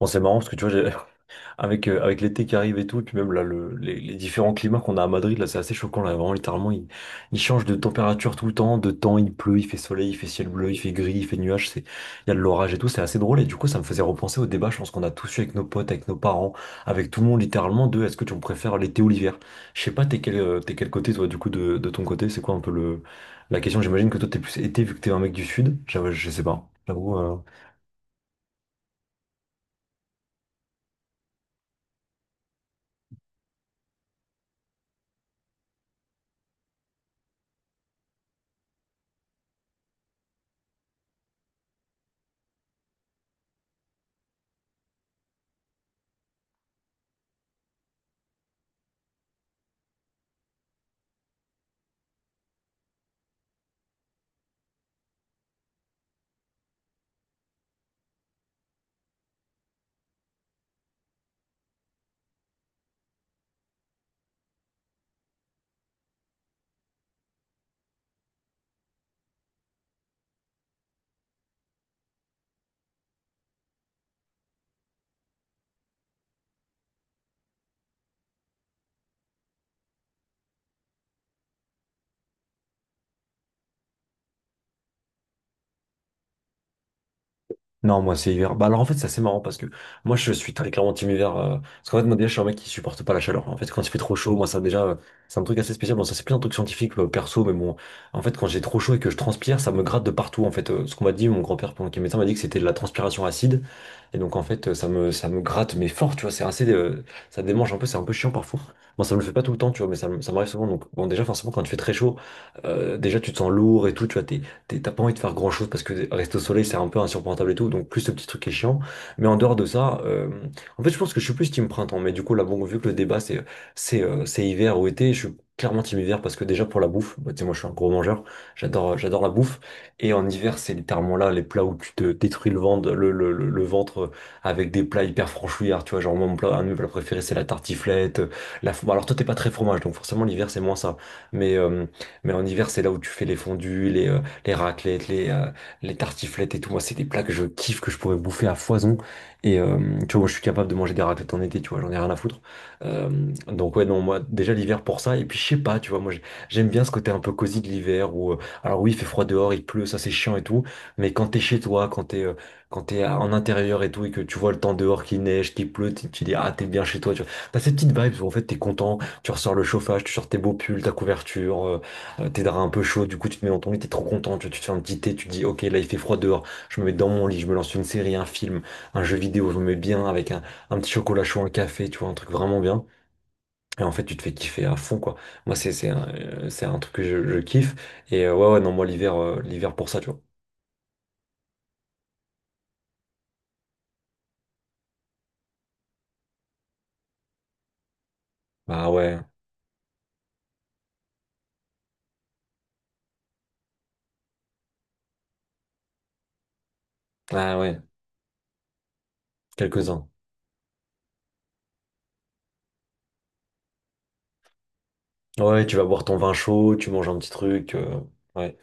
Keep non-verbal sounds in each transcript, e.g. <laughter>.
Bon, c'est marrant parce que tu vois, j'ai- <laughs> avec, avec l'été qui arrive et tout, et puis même là, les différents climats qu'on a à Madrid, là, c'est assez choquant. Là, vraiment, littéralement, il change de température tout le temps, de temps, il pleut, il fait soleil, il fait ciel bleu, il fait gris, il fait nuage, il y a de l'orage et tout, c'est assez drôle. Et du coup, ça me faisait repenser au débat, je pense qu'on a tous eu avec nos potes, avec nos parents, avec tout le monde, littéralement, de est-ce que tu préfères l'été ou l'hiver? Je sais pas, t'es quel côté, toi, du coup, de ton côté, c'est quoi un peu la question? J'imagine que toi, t'es plus été vu que t'es un mec du sud. J'avoue, je sais pas, j'avoue. Non, moi c'est hiver. Bah alors en fait c'est assez marrant parce que moi je suis très clairement team hiver. Parce qu'en fait moi déjà je suis un mec qui supporte pas la chaleur. En fait quand il fait trop chaud, moi ça déjà c'est un truc assez spécial. Bon ça c'est plus un truc scientifique, perso, mais bon en fait quand j'ai trop chaud et que je transpire, ça me gratte de partout. En fait Ce qu'on m'a dit, mon grand-père pendant qu'il est médecin m'a dit que c'était de la transpiration acide. Et donc en fait ça me gratte mais fort, tu vois. C'est assez Ça démange un peu, c'est un peu chiant parfois. Bon ça me le fait pas tout le temps, tu vois, mais ça m'arrive souvent. Donc bon déjà forcément quand tu fais très chaud, déjà tu te sens lourd et tout, tu vois, t'as pas envie de faire grand chose parce que rester au soleil c'est un peu insupportable et tout, donc plus ce petit truc qui est chiant. Mais en dehors de ça, en fait je pense que je suis plus team printemps, mais du coup là bon vu que le débat c'est hiver ou été, je suis clairement team hiver parce que déjà pour la bouffe, bah, tu sais moi je suis un gros mangeur, j'adore la bouffe et en hiver c'est littéralement là les plats où tu te détruis le ventre, le ventre avec des plats hyper franchouillards, tu vois genre mon plat un de mes plats préférés c'est la tartiflette, la bon alors toi t'es pas très fromage donc forcément l'hiver c'est moins ça, mais euh, mais en hiver c'est là où tu fais les fondus, les raclettes, les tartiflettes et tout. Moi, c'est des plats que je kiffe, que je pourrais bouffer à foison. Et euh, Tu vois, moi, je suis capable de manger des raclettes en été, tu vois, j'en ai rien à foutre. Euh, donc, ouais, non, moi, déjà l'hiver pour ça. Et puis, je sais pas, tu vois, moi, j'aime bien ce côté un peu cosy de l'hiver où, alors oui, il fait froid dehors, il pleut, ça c'est chiant et tout. Mais quand t'es chez toi, quand en intérieur et tout, et que tu vois le temps dehors qui neige, qui pleut, tu dis, ah, t'es bien chez toi, tu vois. T'as ces petites vibes où en fait t'es content, tu ressors le chauffage, tu sors tes beaux pulls, ta couverture. T'es un peu chaud, du coup tu te mets dans ton lit, t'es trop content, tu te fais un petit thé, tu te dis ok là il fait froid dehors, je me mets dans mon lit, je me lance une série, un film, un jeu vidéo, je me mets bien avec un petit chocolat chaud, un café, tu vois, un truc vraiment bien. Et en fait tu te fais kiffer à fond quoi. Moi c'est un truc que je kiffe. Ouais ouais non moi l'hiver pour ça tu vois. Bah ouais, ah ouais, quelques-uns. Ouais tu vas boire ton vin chaud, tu manges un petit truc. Ouais.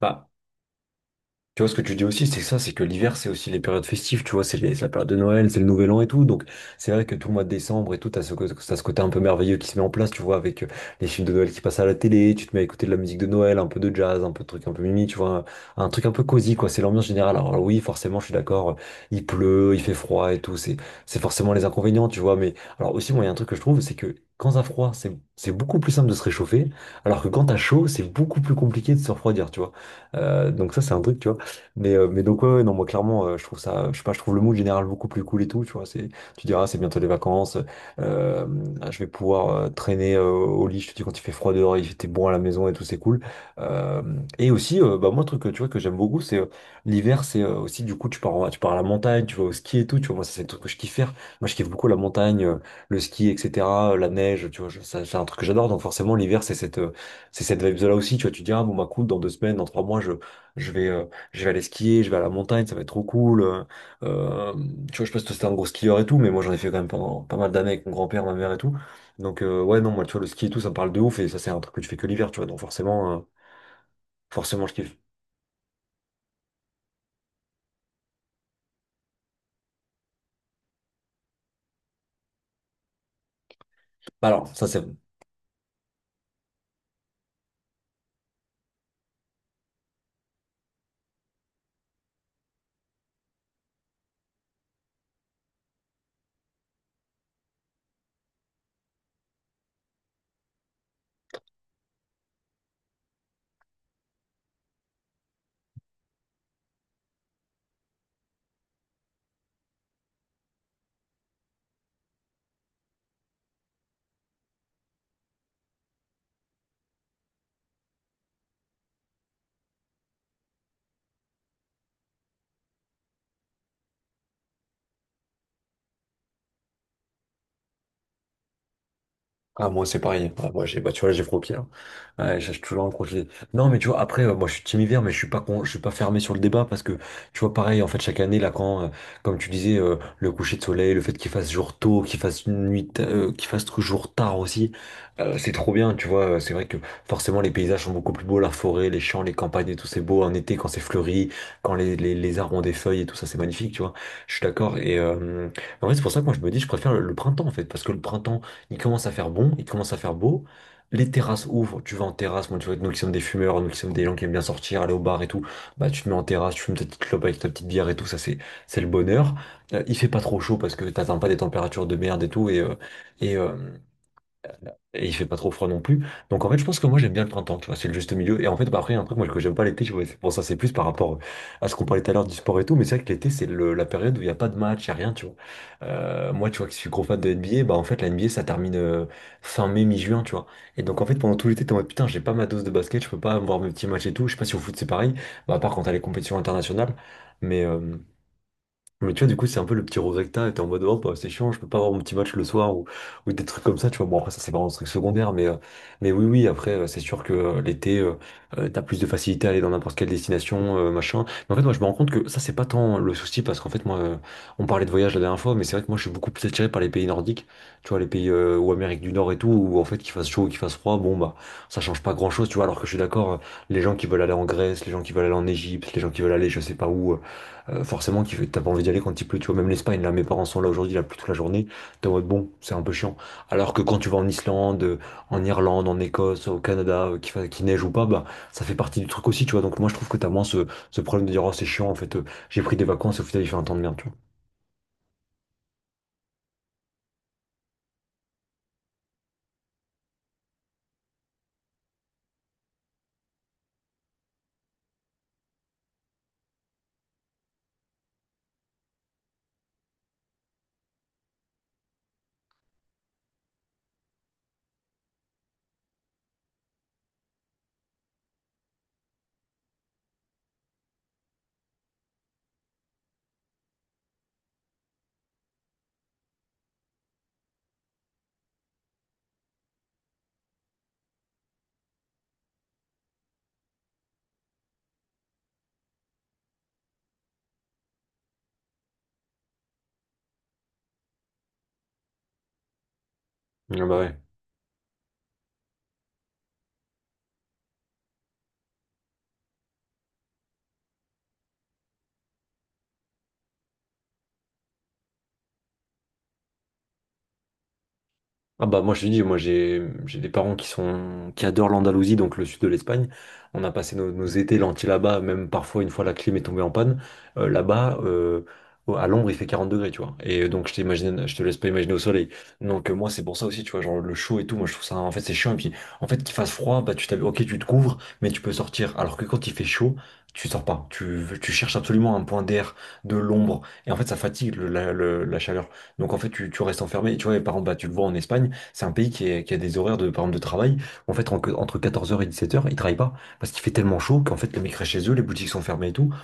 Bah, Tu vois, ce que tu dis aussi, c'est ça, c'est que l'hiver, c'est aussi les périodes festives, tu vois, c'est la période de Noël, c'est le Nouvel An et tout. Donc, c'est vrai que tout le mois de décembre et tout, t'as ce côté un peu merveilleux qui se met en place, tu vois, avec les films de Noël qui passent à la télé, tu te mets à écouter de la musique de Noël, un peu de jazz, un peu de trucs un peu mimi, tu vois, un truc un peu cosy, quoi, c'est l'ambiance générale. Alors, oui, forcément, je suis d'accord, il pleut, il fait froid et tout, c'est forcément les inconvénients, tu vois, mais alors aussi, moi, il y a un truc que je trouve, c'est que quand t'as froid, c'est beaucoup plus simple de se réchauffer, alors que quand t'as chaud, c'est beaucoup plus compliqué de se refroidir, tu vois. Donc ça, c'est un truc, tu vois. Mais donc, ouais, ouais, non, moi, clairement, je trouve ça, je sais pas, je trouve le mood général beaucoup plus cool et tout, tu vois. C'est, tu diras, c'est bientôt les vacances, euh, je vais pouvoir traîner au lit, je te dis, quand il fait froid dehors, il fait bon à la maison et tout, c'est cool. Euh, et aussi, bah, moi, un truc, tu vois, que j'aime beaucoup, c'est l'hiver, c'est aussi, du coup, tu pars à la montagne, tu vas au ski et tout, tu vois. Moi, ça, c'est le truc que je kiffe faire. Moi, je kiffe beaucoup la montagne, le ski, etc., la neige, tu vois, ça, c'est un truc que j'adore. Donc, forcément, l'hiver, c'est cette vibe-là aussi, tu vois. Tu dis, ah, bon, bah, cool, dans deux semaines, dans trois mois, je vais. euh, je vais aller skier, je vais à la montagne, ça va être trop cool. Euh, tu vois, je sais pas si toi c'était un gros skieur et tout, mais moi j'en ai fait quand même pendant pas mal d'années avec mon grand-père, ma mère et tout. Ouais, non, moi tu vois, le ski et tout, ça me parle de ouf, et ça c'est un truc que tu fais que l'hiver, tu vois, donc forcément je kiffe. Bah, Alors, ça c'est Ah, moi, c'est pareil. Ah, moi, j'ai, bah, tu vois, j'ai trop pire. Ouais, j'ai toujours un projet. Non, mais tu vois, après, moi, je suis team hiver, mais je suis pas con, je suis pas fermé sur le débat parce que, tu vois, pareil, en fait, chaque année, là, comme tu disais, le coucher de soleil, le fait qu'il fasse jour tôt, qu'il fasse une nuit, ta- qu'il fasse jour tard aussi, c'est trop bien, tu vois. Euh, c'est vrai que, forcément, les paysages sont beaucoup plus beaux, la forêt, les champs, les campagnes et tout, c'est beau en été quand c'est fleuri, quand les arbres ont des feuilles et tout ça, c'est magnifique, tu vois. Je suis d'accord. Et, en vrai, c'est pour ça que moi, je me dis, je préfère le printemps, en fait, parce que le printemps, il commence à faire bon, il commence à faire beau. Les terrasses ouvrent, tu vas en terrasse. Moi, tu vois, nous qui sommes des fumeurs, nous qui sommes des gens qui aiment bien sortir, aller au bar et tout, bah tu te mets en terrasse, tu fumes ta petite clope avec ta petite bière et tout, ça c'est le bonheur. Il fait pas trop chaud parce que t'atteins pas des températures de merde et tout, et, euh, et il fait pas trop froid non plus. Donc en fait, je pense que moi j'aime bien le printemps, tu vois, c'est le juste milieu. Et en fait, bah, après, il y a un truc moi que j'aime pas l'été, tu vois, c'est pour ça, c'est plus par rapport à ce qu'on parlait tout à l'heure du sport et tout, mais c'est vrai que l'été, c'est la période où il n'y a pas de match, il n'y a rien, tu vois. Moi, tu vois, que je suis gros fan de NBA, bah en fait, la NBA, ça termine fin mai, mi-juin, tu vois. Et donc en fait, pendant tout l'été, t'es en mode putain, j'ai pas ma dose de basket, je peux pas voir mes petits matchs et tout. Je sais pas si au foot c'est pareil, bah, à part quand t'as les compétitions internationales, mais. euh, mais tu vois, du coup, c'est un peu le petit regret que t'as, et t'es en mode, oh, bah, c'est chiant, je peux pas avoir mon petit match le soir ou des trucs comme ça, tu vois. Bon, après, ça, c'est vraiment un truc secondaire, mais oui, oui, après, c'est sûr que l'été, t'as plus de facilité à aller dans n'importe quelle destination, machin. Mais en fait, moi, je me rends compte que ça, c'est pas tant le souci, parce qu'en fait, moi, on parlait de voyage la dernière fois, mais c'est vrai que moi, je suis beaucoup plus attiré par les pays nordiques, tu vois, les pays, ou Amérique du Nord et tout, où en fait, qu'il fasse chaud ou qu'il fasse froid, bon, bah, ça change pas grand-chose, tu vois, alors que je suis d'accord, les gens qui veulent aller en Grèce, les gens qui veulent aller en Égypte, les gens qui veulent aller, je sais pas où. Forcément, t'as pas envie d'y aller quand il pleut, tu vois. Même l'Espagne, là, mes parents sont là aujourd'hui, là, plus toute la journée. T'es en mode, bon, c'est un peu chiant. Alors que quand tu vas en Islande, en Irlande, en Écosse, au Canada, qu'il neige ou pas, bah, ça fait partie du truc aussi, tu vois. Donc, moi, je trouve que t'as moins ce problème de dire, oh, c'est chiant, en fait, j'ai pris des vacances et au final, il fait un temps de merde, tu vois. Ah bah ouais. Ah bah moi je te dis, moi j'ai des parents qui adorent l'Andalousie, donc le sud de l'Espagne. On a passé nos étés lentilles là-bas, même parfois une fois la clim est tombée en panne. Là-bas, à l'ombre, il fait 40 degrés, tu vois. Et donc je t'imagine, je te laisse pas imaginer au soleil. Donc moi c'est pour ça aussi, tu vois, genre le chaud et tout, moi je trouve ça en fait c'est chiant. Et puis en fait qu'il fasse froid, bah tu t'habilles, ok tu te couvres, mais tu peux sortir. Alors que quand il fait chaud, tu sors pas. Tu cherches absolument un point d'air, de l'ombre. Et en fait ça fatigue la chaleur. Donc en fait tu restes enfermé. Et tu vois, par exemple, bah, tu le vois en Espagne. C'est un pays qui a des horaires de, par exemple, de travail. En fait, entre quatorze heures et dix-sept heures, ils travaillent pas parce qu'il fait tellement chaud qu'en fait, les mecs restent chez eux, les boutiques sont fermées et tout.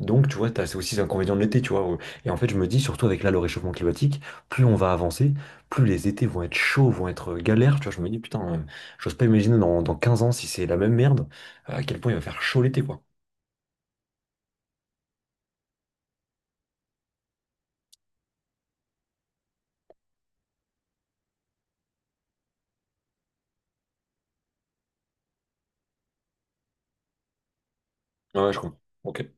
Donc, tu vois, t'as, c'est aussi l'inconvénient de l'été, tu vois. Et en fait, je me dis, surtout avec là, le réchauffement climatique, plus on va avancer, plus les étés vont être chauds, vont être galères. Tu vois, je me dis, putain, j'ose pas imaginer dans 15 ans si c'est la même merde, à quel point il va faire chaud l'été, quoi. Ouais, ouais, je comprends. Ok.